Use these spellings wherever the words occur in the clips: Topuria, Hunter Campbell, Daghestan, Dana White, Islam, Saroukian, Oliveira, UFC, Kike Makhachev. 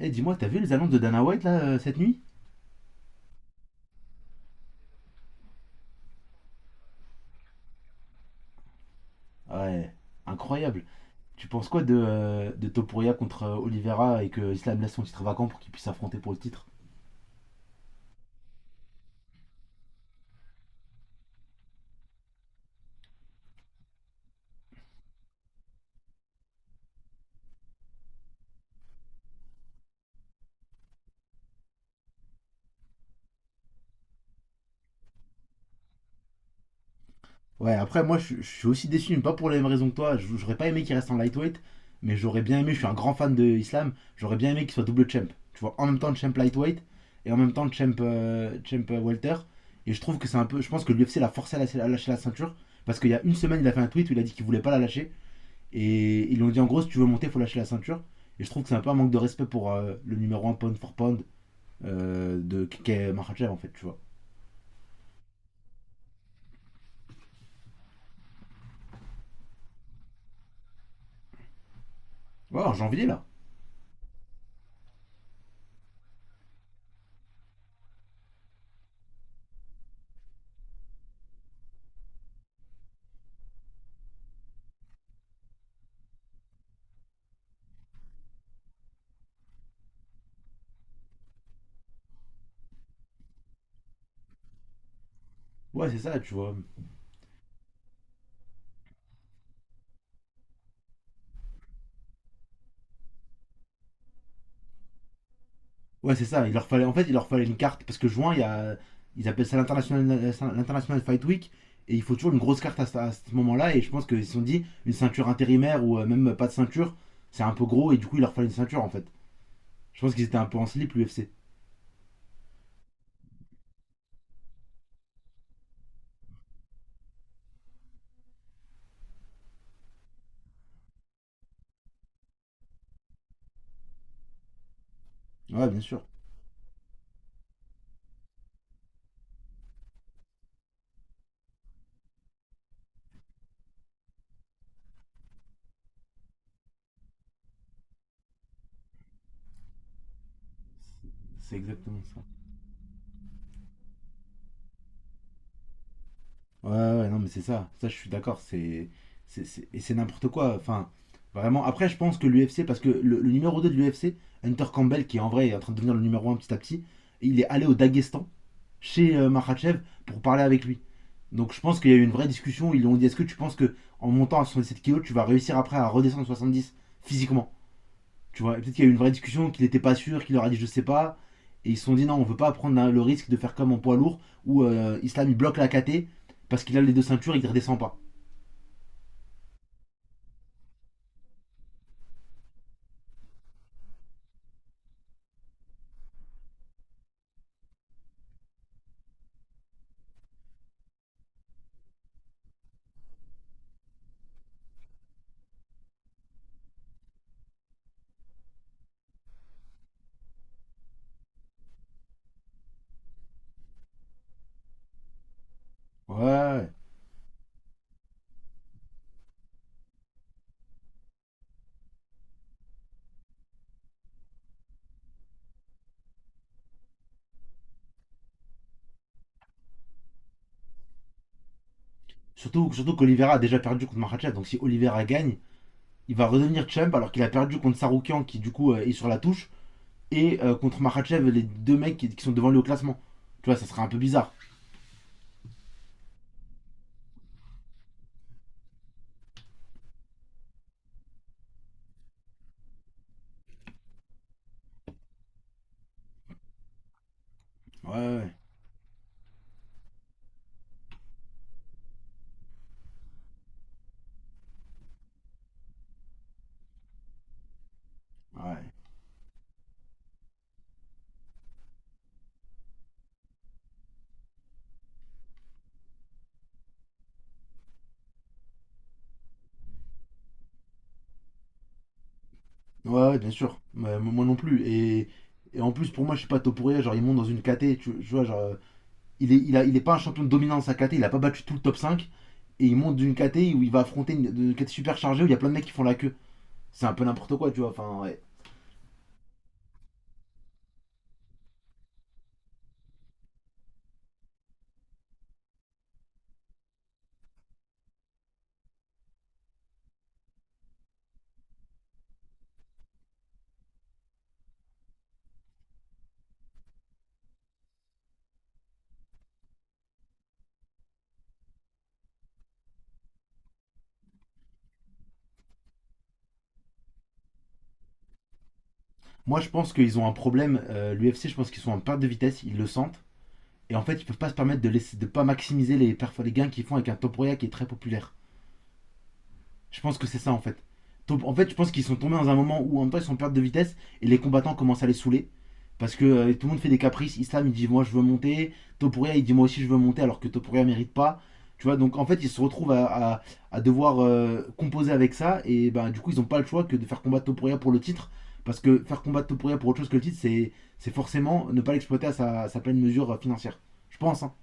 Eh, hey, dis-moi, t'as vu les annonces de Dana White là cette nuit? Ouais, incroyable. Tu penses quoi de Topuria contre Oliveira, et que Islam laisse son titre vacant pour qu'il puisse s'affronter pour le titre? Ouais, après, moi je suis aussi déçu, mais pas pour les mêmes raisons que toi. J'aurais pas aimé qu'il reste en lightweight, mais j'aurais bien aimé, je suis un grand fan de Islam, j'aurais bien aimé qu'il soit double champ. Tu vois, en même temps champ lightweight et en même temps champ, champ welter. Et je trouve que c'est un peu. Je pense que l'UFC l'a forcé à lâcher la ceinture, parce qu'il y a une semaine, il a fait un tweet où il a dit qu'il voulait pas la lâcher. Et ils lui ont dit, en gros, si tu veux monter, il faut lâcher la ceinture. Et je trouve que c'est un peu un manque de respect pour le numéro un pound for pound de Kike Makhachev en fait, tu vois. Ouais, en janvier là. Ouais, c'est ça, tu vois. Ouais, c'est ça. Il leur fallait, en fait, il leur fallait une carte, parce que juin, il y a, ils appellent ça l'international, l'international fight week, et il faut toujours une grosse carte à ce moment-là. Et je pense qu'ils se sont dit une ceinture intérimaire ou même pas de ceinture, c'est un peu gros, et du coup il leur fallait une ceinture en fait. Je pense qu'ils étaient un peu en slip, l'UFC. Ouais, bien sûr. C'est exactement ça. Ouais, ouais, non, mais c'est ça. Ça, je suis d'accord. Et c'est n'importe quoi. Enfin, vraiment. Après, je pense que l'UFC, parce que le numéro 2 de l'UFC, Hunter Campbell, qui en vrai est en train de devenir le numéro un petit à petit, il est allé au Daghestan, chez Makhachev, pour parler avec lui. Donc, je pense qu'il y a eu une vraie discussion. Ils lui ont dit: est-ce que tu penses que, en montant à 7 kilos, tu vas réussir après à redescendre à 10 physiquement, tu vois? Et peut-être qu'il y a eu une vraie discussion, qu'il n'était pas sûr, qu'il leur a dit je sais pas. Et ils se sont dit non, on veut pas prendre le risque de faire comme en poids lourd où Islam il bloque la KT parce qu'il a les deux ceintures et il ne redescend pas. Ouais. Surtout, surtout qu'Olivera a déjà perdu contre Makhachev, donc si Olivera gagne, il va redevenir champ alors qu'il a perdu contre Saroukian, qui du coup est sur la touche, et contre Makhachev, les deux mecs qui sont devant lui au classement. Tu vois, ça serait un peu bizarre. Ouais, ouais, ouais. Ouais, ouais, bien sûr. Ouais, moi non plus. Et en plus, pour moi, je suis pas Topuria, genre ils montent dans une KT, tu vois, genre. Il est pas un champion dominant de sa KT, il a pas battu tout le top cinq, et il monte d'une KT où il va affronter une KT super chargée où il y a plein de mecs qui font la queue. C'est un peu n'importe quoi, tu vois. Enfin, ouais. Moi, je pense qu'ils ont un problème. L'UFC, je pense qu'ils sont en perte de vitesse, ils le sentent. Et en fait, ils peuvent pas se permettre de laisser, de pas maximiser les gains qu'ils font avec un top roya qui est très populaire. Je pense que c'est ça, en fait. En fait, je pense qu'ils sont tombés dans un moment où, en même temps, ils sont en perte de vitesse et les combattants commencent à les saouler. Parce que tout le monde fait des caprices. Islam, il dit moi je veux monter. Topuria, il dit moi aussi je veux monter, alors que Topuria mérite pas. Tu vois, donc en fait, ils se retrouvent à devoir composer avec ça. Et ben, du coup, ils n'ont pas le choix que de faire combattre Topuria pour le titre. Parce que faire combattre Topuria pour autre chose que le titre, c'est forcément ne pas l'exploiter à sa pleine mesure financière. Je pense. Hein.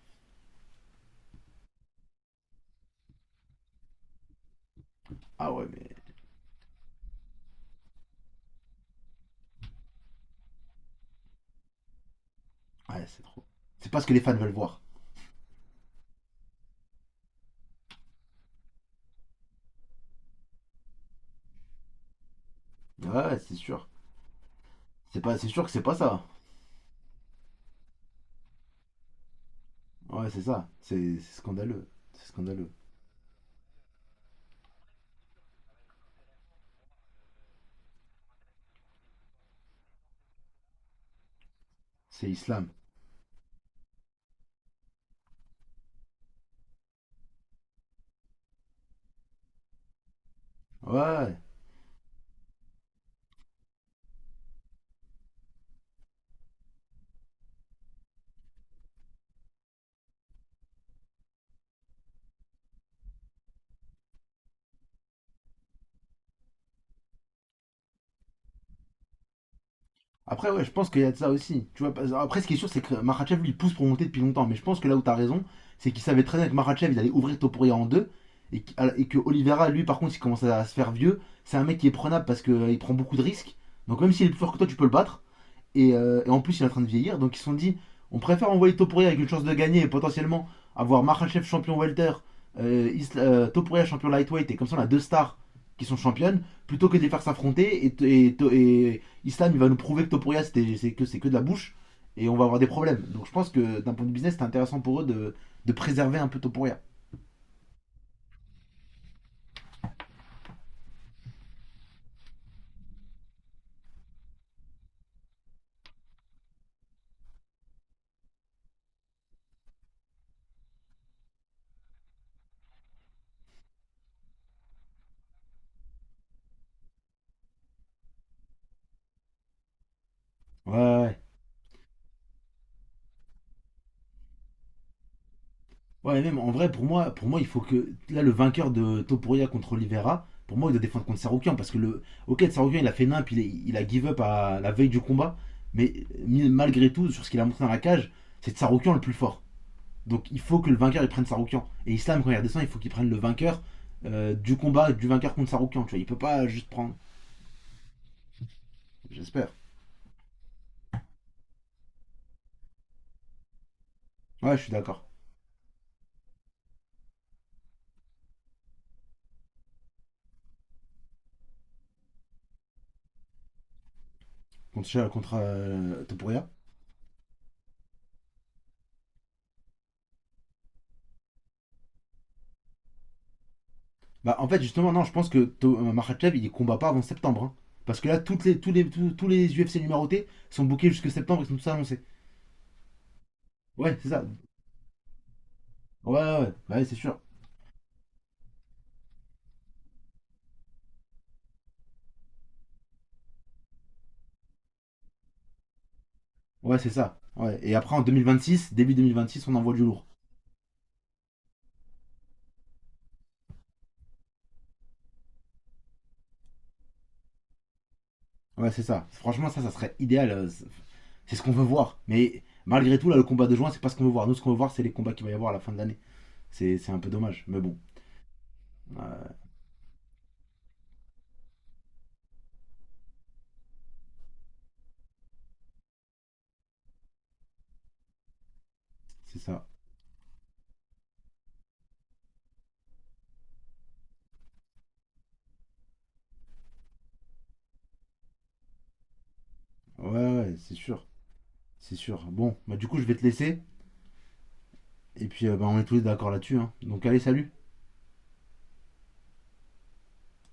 Ah ouais, mais ouais, c'est trop. C'est pas ce que les fans veulent voir. Ouais, ouais, c'est sûr. C'est pas, c'est sûr que c'est pas ça. Ouais, c'est ça. C'est scandaleux. C'est scandaleux. C'est Islam. Ouais. Après, ouais, je pense qu'il y a de ça aussi. Tu vois, parce- après, ce qui est sûr, c'est que Makhachev, lui, il pousse pour monter depuis longtemps. Mais je pense que là où t'as raison, c'est qu'il savait très bien que Makhachev, il allait ouvrir Topuria en deux. Et que Oliveira, lui, par contre, il commence à se faire vieux. C'est un mec qui est prenable parce qu'il prend beaucoup de risques. Donc, même s'il est plus fort que toi, tu peux le battre. Et en plus, il est en train de vieillir. Donc, ils se sont dit, on préfère envoyer Topuria avec une chance de gagner, et potentiellement avoir Makhachev champion welter, Topuria champion lightweight. Et comme ça, on a deux stars qui sont championnes plutôt que de les faire s'affronter. Et Islam, il va nous prouver que Topuria, c'est que de la bouche. Et on va avoir des problèmes. Donc, je pense que d'un point de business, c'est intéressant pour eux de préserver un peu Topuria. Ouais, ouais. Ouais, même en vrai, pour moi, il faut que. Là, le vainqueur de Topuria contre Oliveira, pour moi, il doit défendre contre Saroukian. Parce que le. Ok, Saroukian, il a fait nimp, il a give up à la veille du combat. Mais malgré tout, sur ce qu'il a montré dans la cage, c'est Saroukian le plus fort. Donc il faut que le vainqueur, il prenne Saroukian. Et Islam, quand il redescend, il faut qu'il prenne le vainqueur du vainqueur contre Saroukian. Tu vois, il peut pas juste prendre. J'espère. Ouais, je suis d'accord. Contre, contre Topuria. Bah, en fait, justement, non, je pense que Makhachev, il combat pas avant septembre. Hein. Parce que là, toutes les, tous, tous les UFC numérotés sont bookés jusque septembre, ils sont tous annoncés. Ouais, c'est ça. Ouais, ouais, ouais, bah ouais, c'est sûr. Ouais, c'est ça. Ouais. Et après, en 2026, début 2026, on envoie du lourd. Ouais, c'est ça. Franchement, ça serait idéal. C'est ce qu'on veut voir. Mais malgré tout, là, le combat de juin, c'est pas ce qu'on veut voir. Nous, ce qu'on veut voir, c'est les combats qu'il va y avoir à la fin de l'année. C'est un peu dommage. Mais bon, euh, c'est ça. Ouais, ouais, c'est sûr. C'est sûr. Bon, bah du coup, je vais te laisser. Et puis, bah, on est tous d'accord là-dessus. Hein. Donc, allez, salut.